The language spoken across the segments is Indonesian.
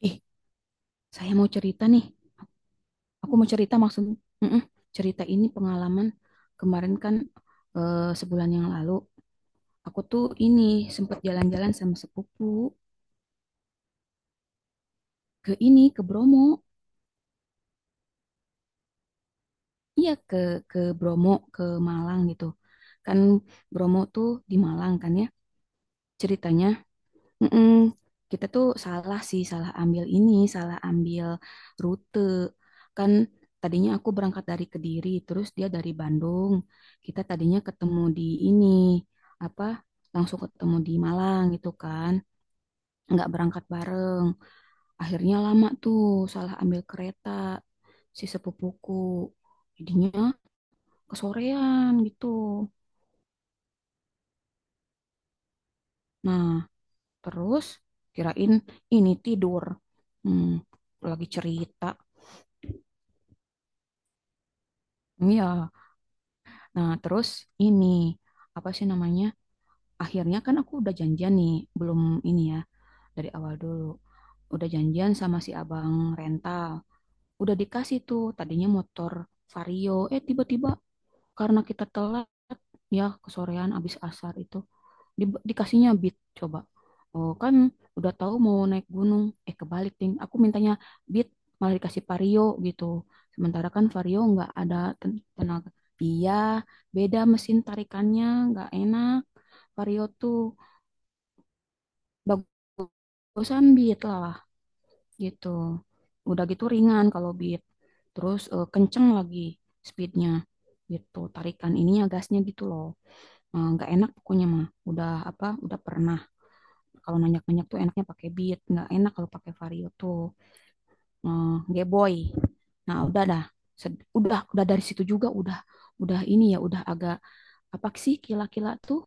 Ih, saya mau cerita nih. Aku mau cerita maksud, Mm-mm. Cerita ini pengalaman kemarin kan eh, sebulan yang lalu. Aku tuh ini sempat jalan-jalan sama sepupu ke ini ke Bromo. Iya ke Bromo ke Malang gitu. Kan Bromo tuh di Malang kan ya. Ceritanya Mm-mm. Kita tuh salah sih, salah ambil ini, salah ambil rute. Kan tadinya aku berangkat dari Kediri, terus dia dari Bandung. Kita tadinya ketemu di ini, apa, langsung ketemu di Malang gitu kan. Nggak berangkat bareng. Akhirnya lama tuh, salah ambil kereta si sepupuku. Jadinya kesorean gitu. Nah, terus kirain ini tidur. Hmm, lagi cerita. Iya, nah terus ini apa sih namanya? Akhirnya kan aku udah janjian nih, belum ini ya dari awal dulu. Udah janjian sama si abang rental. Udah dikasih tuh tadinya motor Vario. Eh tiba-tiba karena kita telat ya kesorean abis asar itu di, dikasihnya beat coba. Oh, kan udah tahu mau naik gunung. Eh kebalik, Ting. Aku mintanya beat malah dikasih vario gitu. Sementara kan vario nggak ada tenaga. Iya, beda mesin tarikannya nggak enak. Vario tuh bagusan beat lah gitu. Udah gitu ringan kalau beat. Terus kenceng lagi speednya gitu. Tarikan ininya gasnya gitu loh. Eh, nggak enak pokoknya mah. Udah apa? Udah pernah. Kalau nanjak-nanjak tuh enaknya pakai beat, nggak enak kalau pakai vario tuh eh, geboy. Nah, udah dah. Udah dari situ juga udah ini ya udah agak apa sih kila-kila tuh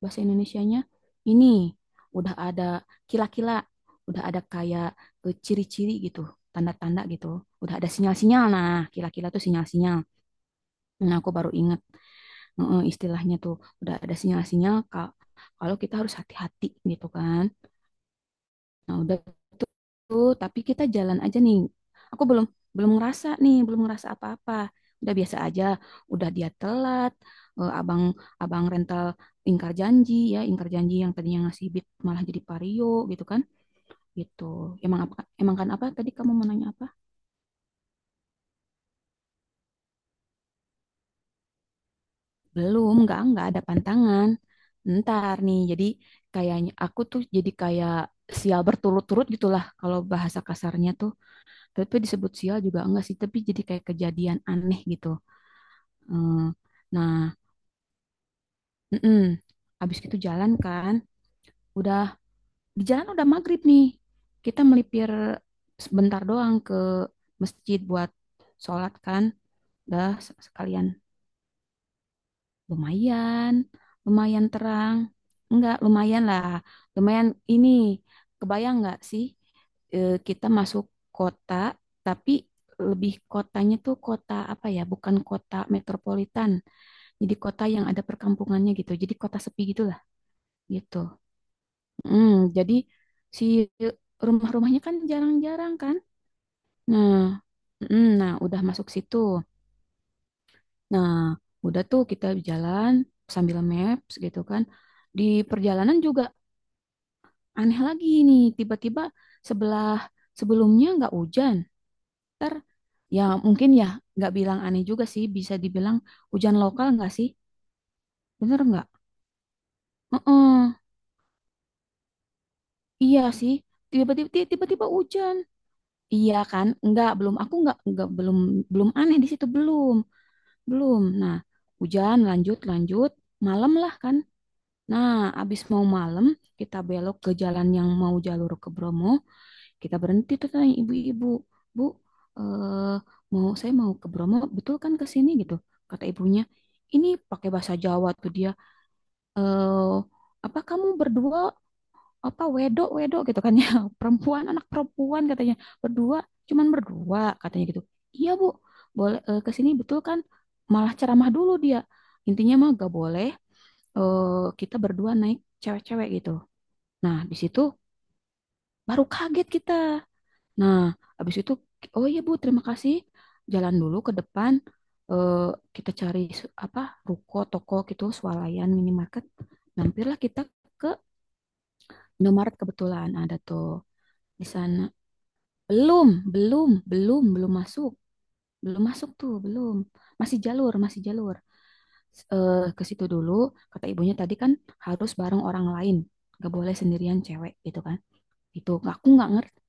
bahasa Indonesianya? Ini udah ada kila-kila, udah ada kayak ciri-ciri gitu, tanda-tanda gitu. Udah ada sinyal-sinyal. Nah, kila-kila tuh sinyal-sinyal. Nah, aku baru inget istilahnya tuh udah ada sinyal-sinyal Kak, kalau kita harus hati-hati gitu kan. Nah, udah tuh, tapi kita jalan aja nih. Aku belum belum ngerasa nih, belum ngerasa apa-apa. Udah biasa aja, udah dia telat. Abang abang rental ingkar janji ya, ingkar janji yang tadinya ngasih bit malah jadi Vario gitu kan. Gitu. Emang apa emang kan apa tadi kamu mau nanya apa? Belum, enggak ada pantangan. Ntar nih, jadi kayaknya aku tuh jadi kayak sial berturut-turut gitulah kalau bahasa kasarnya tuh, tapi disebut sial juga enggak sih, tapi jadi kayak kejadian aneh gitu. Hmm, nah, mm habis itu jalan kan udah di jalan udah maghrib nih, kita melipir sebentar doang ke masjid buat sholat kan udah sekalian. Lumayan, lumayan terang. Enggak, lumayan lah. Lumayan ini, kebayang nggak sih, kita masuk kota, tapi lebih kotanya tuh kota apa ya, bukan kota metropolitan. Jadi kota yang ada perkampungannya gitu. Jadi kota sepi gitulah gitu. Mm, jadi si rumah-rumahnya kan jarang-jarang kan. Nah, nah udah masuk situ. Nah, udah tuh kita jalan sambil maps gitu kan. Di perjalanan juga aneh lagi nih, tiba-tiba sebelah sebelumnya nggak hujan. Ntar ya mungkin ya, nggak bilang aneh juga sih, bisa dibilang hujan lokal nggak sih? Bener nggak? Heeh, iya sih. Tiba-tiba hujan. Iya kan? Nggak, belum aku nggak belum belum aneh di situ belum. Belum. Nah, hujan lanjut lanjut malam lah kan. Nah, abis mau malam, kita belok ke jalan yang mau jalur ke Bromo. Kita berhenti tuh tanya ibu-ibu, Bu, eh, mau saya mau ke Bromo, betul kan ke sini gitu? Kata ibunya, ini pakai bahasa Jawa tuh dia. Eh, apa kamu berdua apa wedok wedok gitu kan ya perempuan anak perempuan katanya berdua, cuman berdua katanya gitu. Iya bu, boleh ke sini betul kan? Malah ceramah dulu dia, intinya mah gak boleh eh, kita berdua naik cewek-cewek gitu. Nah, di situ baru kaget kita. Nah, habis itu, oh iya Bu, terima kasih. Jalan dulu ke depan, eh, kita cari apa ruko, toko gitu, swalayan, minimarket. Mampirlah kita ke Indomaret, kebetulan ada tuh di sana. Belum, belum, belum, belum masuk, belum masuk tuh, belum. Masih jalur, masih jalur. Ke situ dulu, kata ibunya tadi kan harus bareng orang lain, nggak boleh sendirian cewek gitu kan. Itu aku nggak ngerti.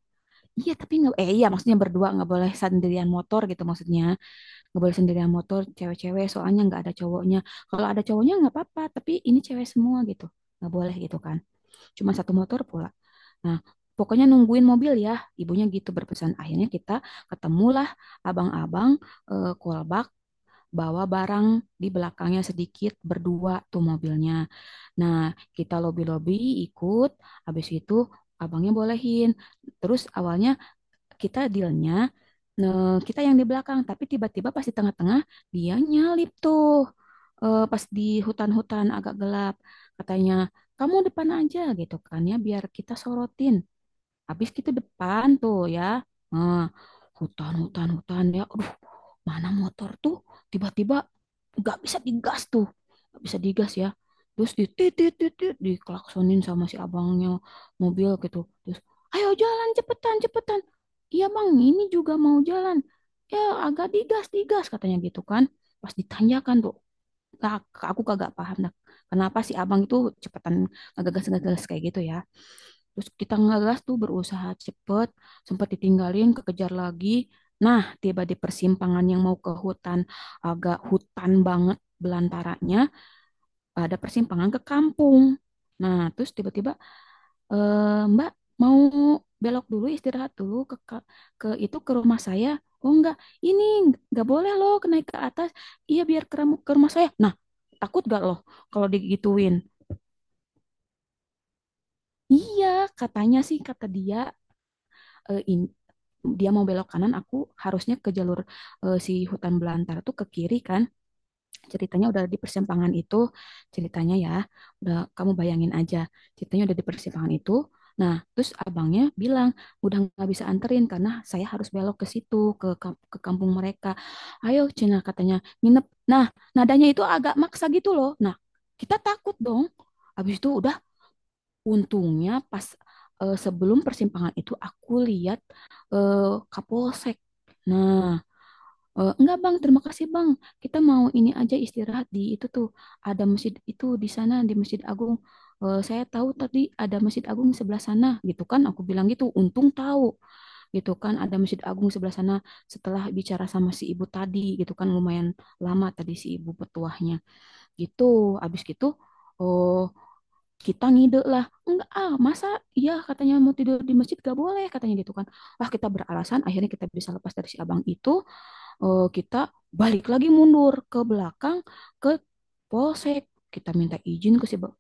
Iya tapi nggak, eh iya maksudnya berdua nggak boleh sendirian motor gitu maksudnya, nggak boleh sendirian motor cewek-cewek soalnya nggak ada cowoknya. Kalau ada cowoknya nggak apa-apa, tapi ini cewek semua gitu, nggak boleh gitu kan, cuma satu motor pula. Nah, pokoknya nungguin mobil ya ibunya gitu berpesan. Akhirnya kita ketemulah abang-abang kolbak bawa barang di belakangnya sedikit, berdua tuh mobilnya. Nah, kita lobi-lobi ikut. Habis itu abangnya bolehin. Terus awalnya kita dealnya, nah, kita yang di belakang, tapi tiba-tiba pas di tengah-tengah dia nyalip tuh. Eh, pas di hutan-hutan agak gelap katanya kamu depan aja gitu kan ya, biar kita sorotin. Habis kita depan tuh ya. Nah, hutan, hutan, hutan ya. Aduh, mana motor tuh tiba-tiba nggak bisa digas tuh. Nggak bisa digas ya. Terus ditit-tit-tit diklaksonin sama si abangnya mobil gitu. Terus, ayo jalan cepetan, cepetan. Iya bang, ini juga mau jalan. Ya agak digas, digas katanya gitu kan. Pas ditanyakan tuh, Kak, aku kagak paham dah. Kenapa si abang itu cepetan ngegas-ngegas kayak gitu ya. Terus kita ngegas tuh berusaha cepet, sempat ditinggalin, kekejar lagi. Nah, tiba di persimpangan yang mau ke hutan, agak hutan banget belantaranya, ada persimpangan ke kampung. Nah, terus tiba-tiba, eh, Mbak mau belok dulu, istirahat dulu ke, ke itu ke rumah saya. Oh enggak, ini enggak boleh loh naik ke atas. Iya biar ke rumah saya. Nah, takut gak loh kalau digituin? Iya, katanya sih kata dia eh, in- dia mau belok kanan, aku harusnya ke jalur si hutan belantara tuh ke kiri kan. Ceritanya udah di persimpangan itu, ceritanya ya udah kamu bayangin aja, ceritanya udah di persimpangan itu. Nah, terus abangnya bilang udah nggak bisa anterin karena saya harus belok ke situ ke kampung mereka. Ayo Cina katanya nginep. Nah, nadanya itu agak maksa gitu loh. Nah, kita takut dong. Habis itu udah. Untungnya pas sebelum persimpangan itu aku lihat eh, Kapolsek. Nah, enggak Bang, terima kasih Bang. Kita mau ini aja istirahat di itu tuh. Ada masjid itu di sana, di Masjid Agung. Eh, saya tahu tadi ada Masjid Agung sebelah sana gitu kan. Aku bilang gitu, untung tahu gitu kan ada Masjid Agung sebelah sana setelah bicara sama si ibu tadi gitu kan, lumayan lama tadi si ibu petuahnya. Gitu. Habis gitu, oh, kita ngide lah enggak ah masa, ya katanya mau tidur di masjid gak boleh katanya gitu kan. Ah kita beralasan, akhirnya kita bisa lepas dari si abang itu. Kita balik lagi mundur ke belakang ke polsek, kita minta izin ke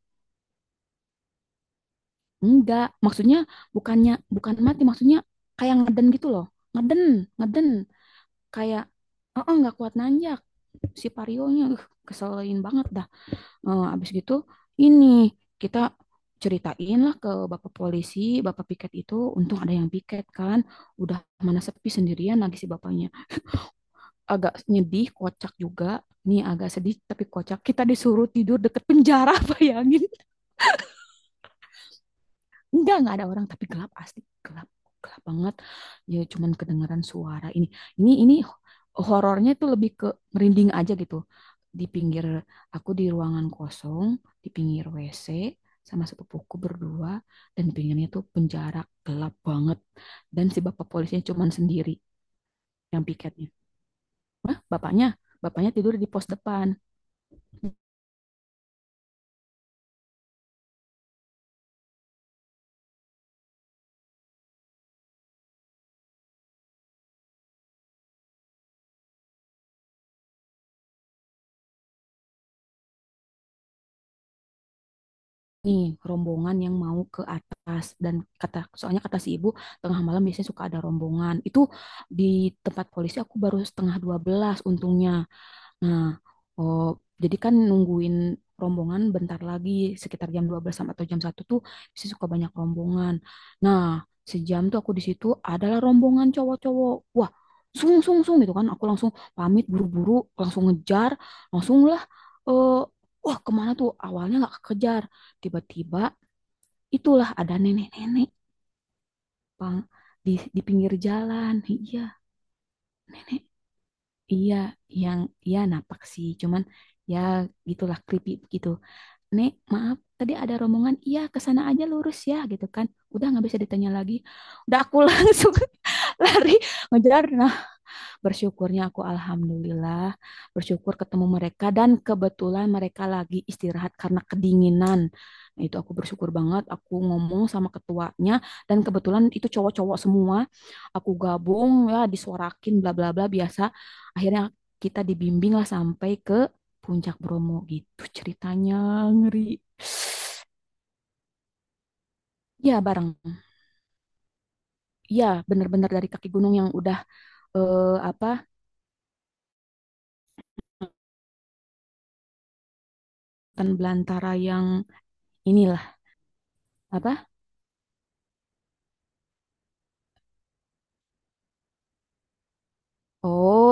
enggak maksudnya, bukannya bukan mati, maksudnya kayak ngeden gitu loh, ngeden, ngeden, kayak, oh oh nggak kuat nanjak. Si parionya keselin banget dah. Eh, abis gitu ini kita ceritain lah ke bapak polisi, bapak piket itu, untung ada yang piket kan. Udah mana sepi sendirian lagi si bapaknya. Agak nyedih, kocak juga. Nih agak sedih tapi kocak. Kita disuruh tidur deket penjara, bayangin. Enggak ada orang, tapi gelap asli, gelap, gelap banget. Ya cuman kedengaran suara ini. Ini horornya tuh lebih ke merinding aja gitu. Di pinggir aku di ruangan kosong, di pinggir WC sama sepupuku berdua, dan di pinggirnya tuh penjara gelap banget, dan si bapak polisinya cuman sendiri yang piketnya. Wah, bapaknya, bapaknya tidur di pos depan. Nih rombongan yang mau ke atas, dan kata soalnya kata si ibu tengah malam biasanya suka ada rombongan itu di tempat polisi. Aku baru setengah 12 untungnya. Nah, oh, jadi kan nungguin rombongan bentar lagi sekitar jam 12 sampai atau jam 1 tuh bisa suka banyak rombongan. Nah, sejam tuh aku di situ adalah rombongan cowok-cowok. Wah, sung sung sung gitu kan. Aku langsung pamit buru-buru, langsung ngejar, langsung lah eh wah kemana tuh? Awalnya nggak kekejar. Tiba-tiba itulah ada nenek-nenek, Bang, di pinggir jalan. Iya, nenek. Iya, yang ya napak sih, cuman ya gitulah creepy gitu. Nek, maaf, tadi ada rombongan, iya ke sana aja lurus ya gitu kan. Udah nggak bisa ditanya lagi. Udah aku langsung lari ngejar. Bersyukurnya aku alhamdulillah bersyukur ketemu mereka, dan kebetulan mereka lagi istirahat karena kedinginan. Nah, itu aku bersyukur banget. Aku ngomong sama ketuanya, dan kebetulan itu cowok-cowok semua. Aku gabung ya disuarakin bla bla bla biasa. Akhirnya kita dibimbing lah sampai ke Puncak Bromo gitu ceritanya ngeri. Ya bareng. Ya bener-bener dari kaki gunung yang udah apa kan belantara yang inilah apa? Oh,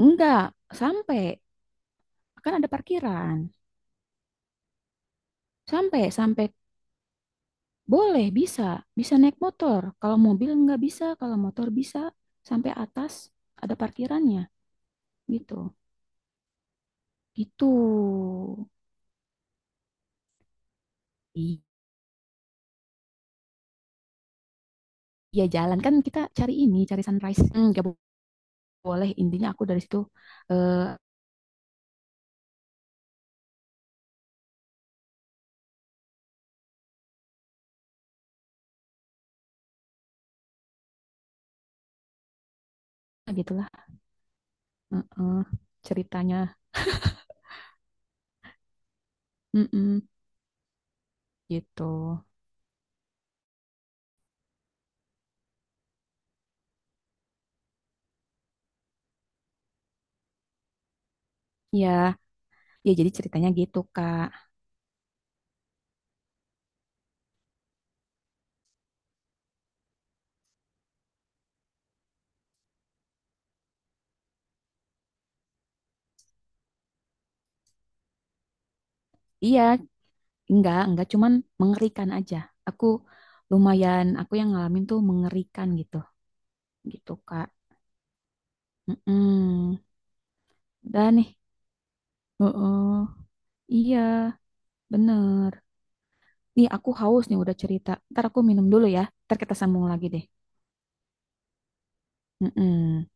enggak, sampai. Kan ada parkiran. Sampai, sampai. Boleh, bisa. Bisa naik motor. Kalau mobil nggak bisa, kalau motor bisa. Sampai atas ada parkirannya. Gitu. Gitu. Iya, jalan. Kan kita cari ini, cari sunrise. Nggak boleh. Intinya aku dari situ. Eh, gitulah. Heeh, ceritanya. Mm-mm, gitu. Ya, ya jadi ceritanya gitu, Kak. Iya, enggak, cuman mengerikan aja. Aku lumayan, aku yang ngalamin tuh mengerikan gitu, gitu Kak. Mm-mm. Udah nih, heeh. Iya, bener. Nih aku haus nih udah cerita. Ntar aku minum dulu ya, ntar kita sambung lagi deh. Mm-mm.